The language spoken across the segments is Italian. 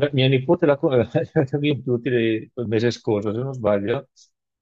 Beh, mia nipote l'ha compiuti il mese scorso, se non sbaglio,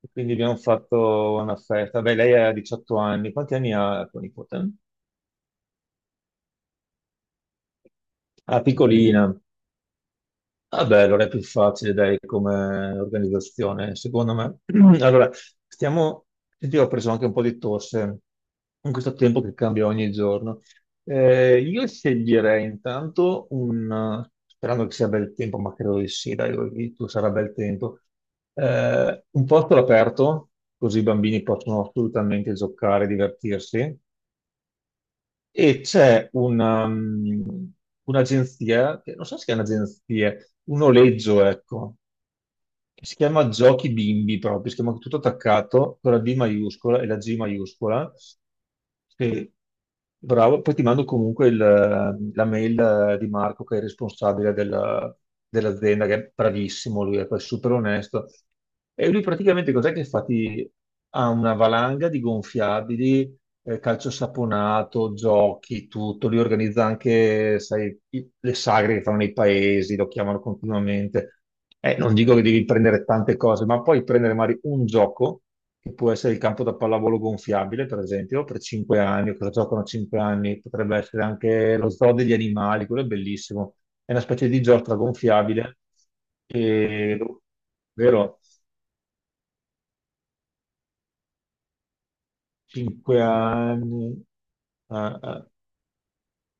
e quindi abbiamo fatto una festa. Beh, lei ha 18 anni. Quanti anni ha tua nipote? Ah, piccolina. Vabbè, allora è più facile, dai, come organizzazione, secondo me. Allora, stiamo... Senti, io ho preso anche un po' di tosse in questo tempo che cambia ogni giorno. Io sceglierei intanto sperando che sia bel tempo, ma credo di sì, dai, oggi tu sarà bel tempo. Un posto all'aperto, così i bambini possono assolutamente giocare, divertirsi e c'è un'agenzia, che non so se è un'agenzia, un noleggio, ecco, che si chiama Giochi Bimbi proprio, si chiama tutto attaccato con la B maiuscola e la G maiuscola. Sì, bravo, poi ti mando comunque la mail di Marco che è il responsabile dell'azienda, che è bravissimo lui, è poi super onesto. E lui praticamente cos'è che fa? Ha una valanga di gonfiabili, calcio saponato, giochi, tutto, li organizza anche, sai, le sagre che fanno nei paesi, lo chiamano continuamente. Non dico che devi prendere tante cose, ma puoi prendere magari un gioco, che può essere il campo da pallavolo gonfiabile, per esempio, per 5 anni, o cosa giocano a 5 anni, potrebbe essere anche lo zoo degli animali, quello è bellissimo. È una specie di giostra gonfiabile, e- vero? 5 anni, ah, ah,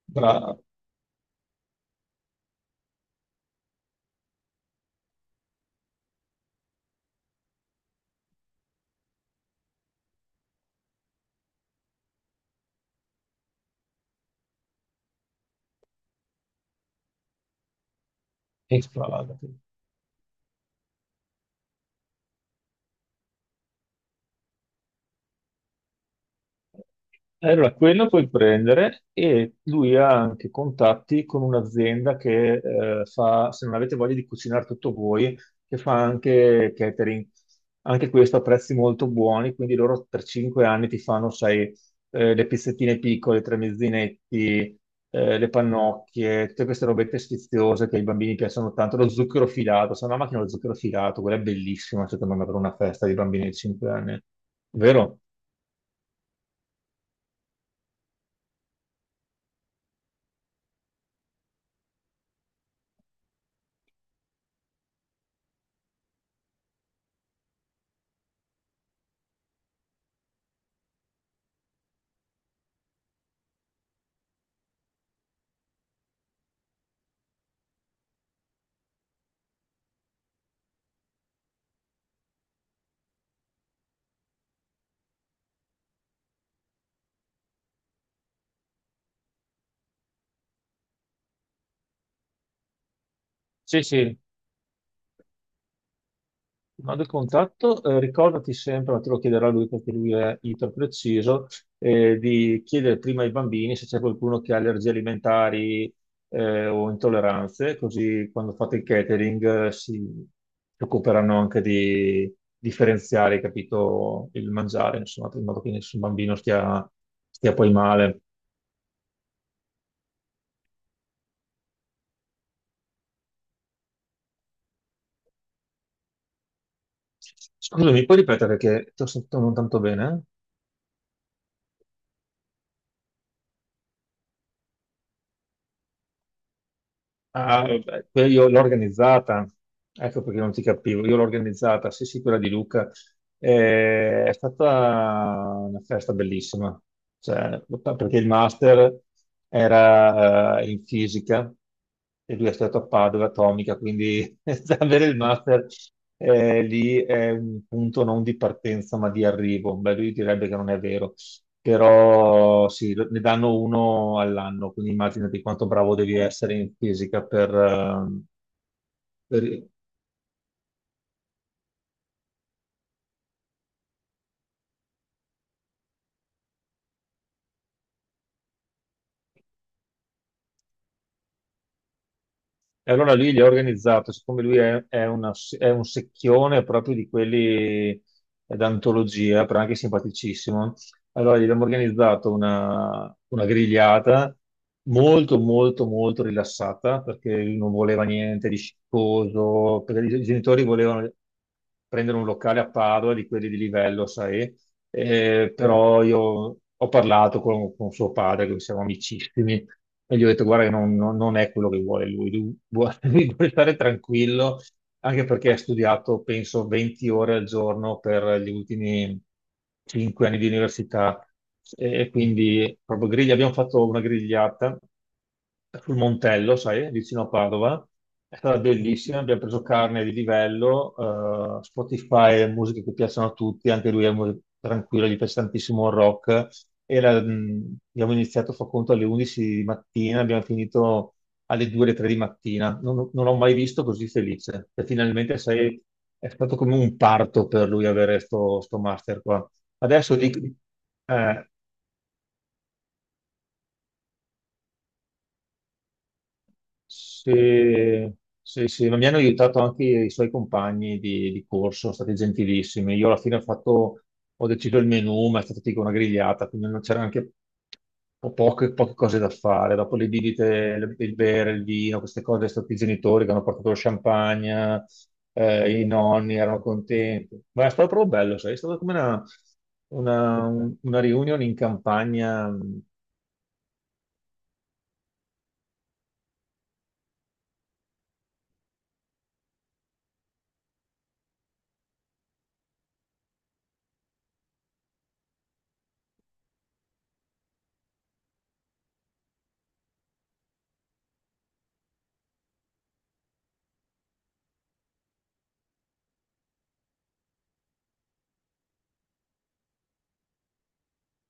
bra- esatto. Allora, quello puoi prendere e lui ha anche contatti con un'azienda che fa, se non avete voglia di cucinare tutto voi, che fa anche catering. Anche questo a prezzi molto buoni, quindi loro per 5 anni ti fanno, sai, le pizzettine piccole, tre mezzinetti, le pannocchie, tutte queste robette sfiziose che ai bambini piacciono tanto, lo zucchero filato, se no, la macchina dello zucchero filato, quella è bellissima secondo me per una festa di bambini di 5 anni, vero? Sì, sì. Ti mando il contatto, ricordati sempre, ma te lo chiederà lui perché lui è iperpreciso, di chiedere prima ai bambini se c'è qualcuno che ha allergie alimentari o intolleranze, così quando fate il catering si occuperanno anche di differenziare, capito, il mangiare, insomma, in modo che nessun bambino stia poi male. Scusami, puoi ripetere che ti ho sentito non tanto bene? Ah, vabbè, io l'ho organizzata, ecco perché non ti capivo, io l'ho organizzata, sì sì, quella di Luca. È stata una festa bellissima. Cioè, Perché il master era in fisica e lui è stato a Padova Atomica, quindi avere il master lì è un punto non di partenza ma di arrivo. Beh, lui direbbe che non è vero, però sì, ne danno uno all'anno, quindi immaginati quanto bravo devi essere in fisica per- E allora lui gli ha organizzato, siccome è un secchione proprio di quelli d'antologia, però anche simpaticissimo, allora gli abbiamo organizzato una grigliata molto, molto, molto rilassata, perché lui non voleva niente di sciccoso, perché i genitori volevano prendere un locale a Padova di quelli di livello, sai? Però io ho parlato con suo padre, che siamo amicissimi, e gli ho detto: Guarda, che non è quello che vuole lui. Lui vuole stare tranquillo anche perché ha studiato, penso, 20 ore al giorno per gli ultimi 5 anni di università e quindi proprio griglia. Abbiamo fatto una grigliata sul Montello, sai, vicino a Padova. È stata bellissima, abbiamo preso carne di livello, Spotify, musiche che piacciono a tutti, anche lui è molto tranquillo, gli piace tantissimo il rock. Abbiamo iniziato, fa conto, alle 11 di mattina, abbiamo finito alle 2 o 3 di mattina. Non l'ho mai visto così felice. È stato come un parto per lui avere sto master qua. Adesso di, eh, Sì, sì, sì, ma mi hanno aiutato anche i suoi compagni di corso, sono stati gentilissimi. Io alla fine ho fatto, Ho deciso il menù, ma è stata tipo una grigliata, quindi non c'era anche poche cose da fare. Dopo le bibite, il bere, il vino, queste cose, sono stati i genitori che hanno portato lo champagne, i nonni erano contenti. Ma è stato proprio bello, sai, è stata come una reunion in campagna.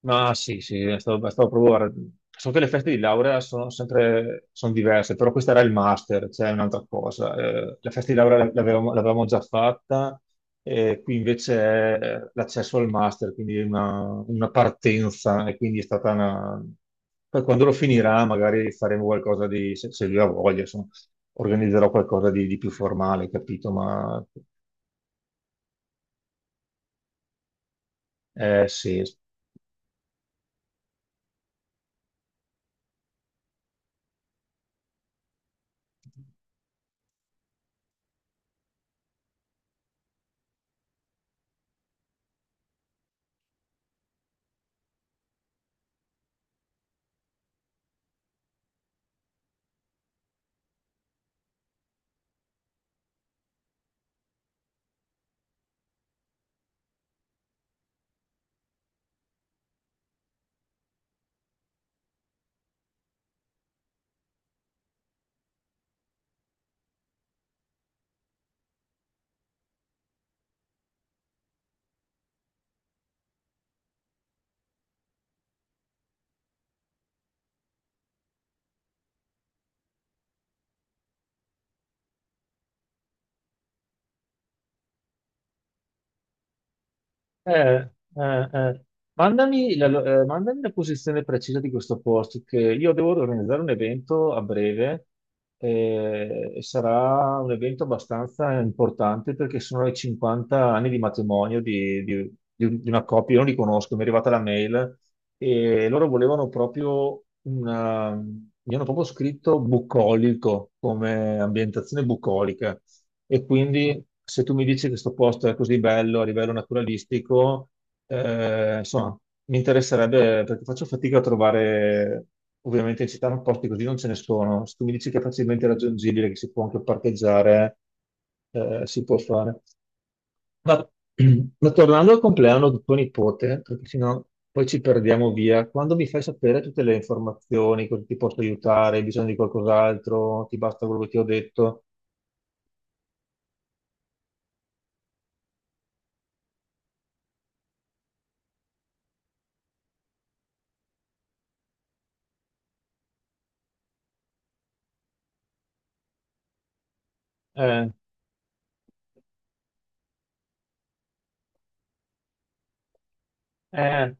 Ma sì, sì, è stato proprio... Guarda, so che le feste di laurea sono diverse, però questo era il master, cioè è un'altra cosa. La festa di laurea l'avevamo già fatta, e qui invece è l'accesso al master, quindi è una partenza, e quindi è stata una... Poi quando lo finirà magari faremo qualcosa di... se, se lui ha voglia, insomma, organizzerò qualcosa di più formale, capito? Eh, sì, Eh, eh, eh. Mandami mandami la posizione precisa di questo posto, che io devo organizzare un evento a breve e sarà un evento abbastanza importante perché sono i 50 anni di matrimonio di una coppia, io non li conosco, mi è arrivata la mail e loro volevano proprio una, mi hanno proprio scritto bucolico come ambientazione bucolica. E quindi se tu mi dici che questo posto è così bello a livello naturalistico, insomma, mi interesserebbe perché faccio fatica a trovare, ovviamente in città posti così non ce ne sono. Se tu mi dici che è facilmente raggiungibile, che si può anche parcheggiare, si può fare. Ma, ma tornando al compleanno di tuo nipote, perché sennò poi ci perdiamo via, quando mi fai sapere tutte le informazioni, cosa ti posso aiutare, hai bisogno di qualcos'altro, ti basta quello che ti ho detto? Eh, eh,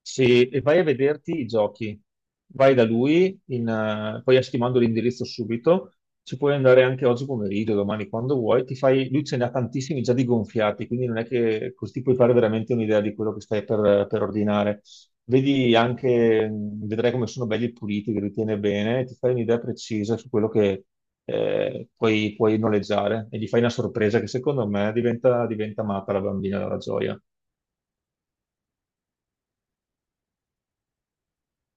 Sì, e vai a vederti i giochi. Vai da lui, poi adesso ti mando l'indirizzo subito. Ci puoi andare anche oggi pomeriggio, domani, quando vuoi. Lui ce ne ha tantissimi già di gonfiati, quindi non è che così puoi fare veramente un'idea di quello che stai per ordinare. Vedi anche, vedrai come sono belli e puliti, che li tiene bene, e ti fai un'idea precisa su quello che puoi noleggiare e gli fai una sorpresa che secondo me diventa matta la bambina dalla gioia.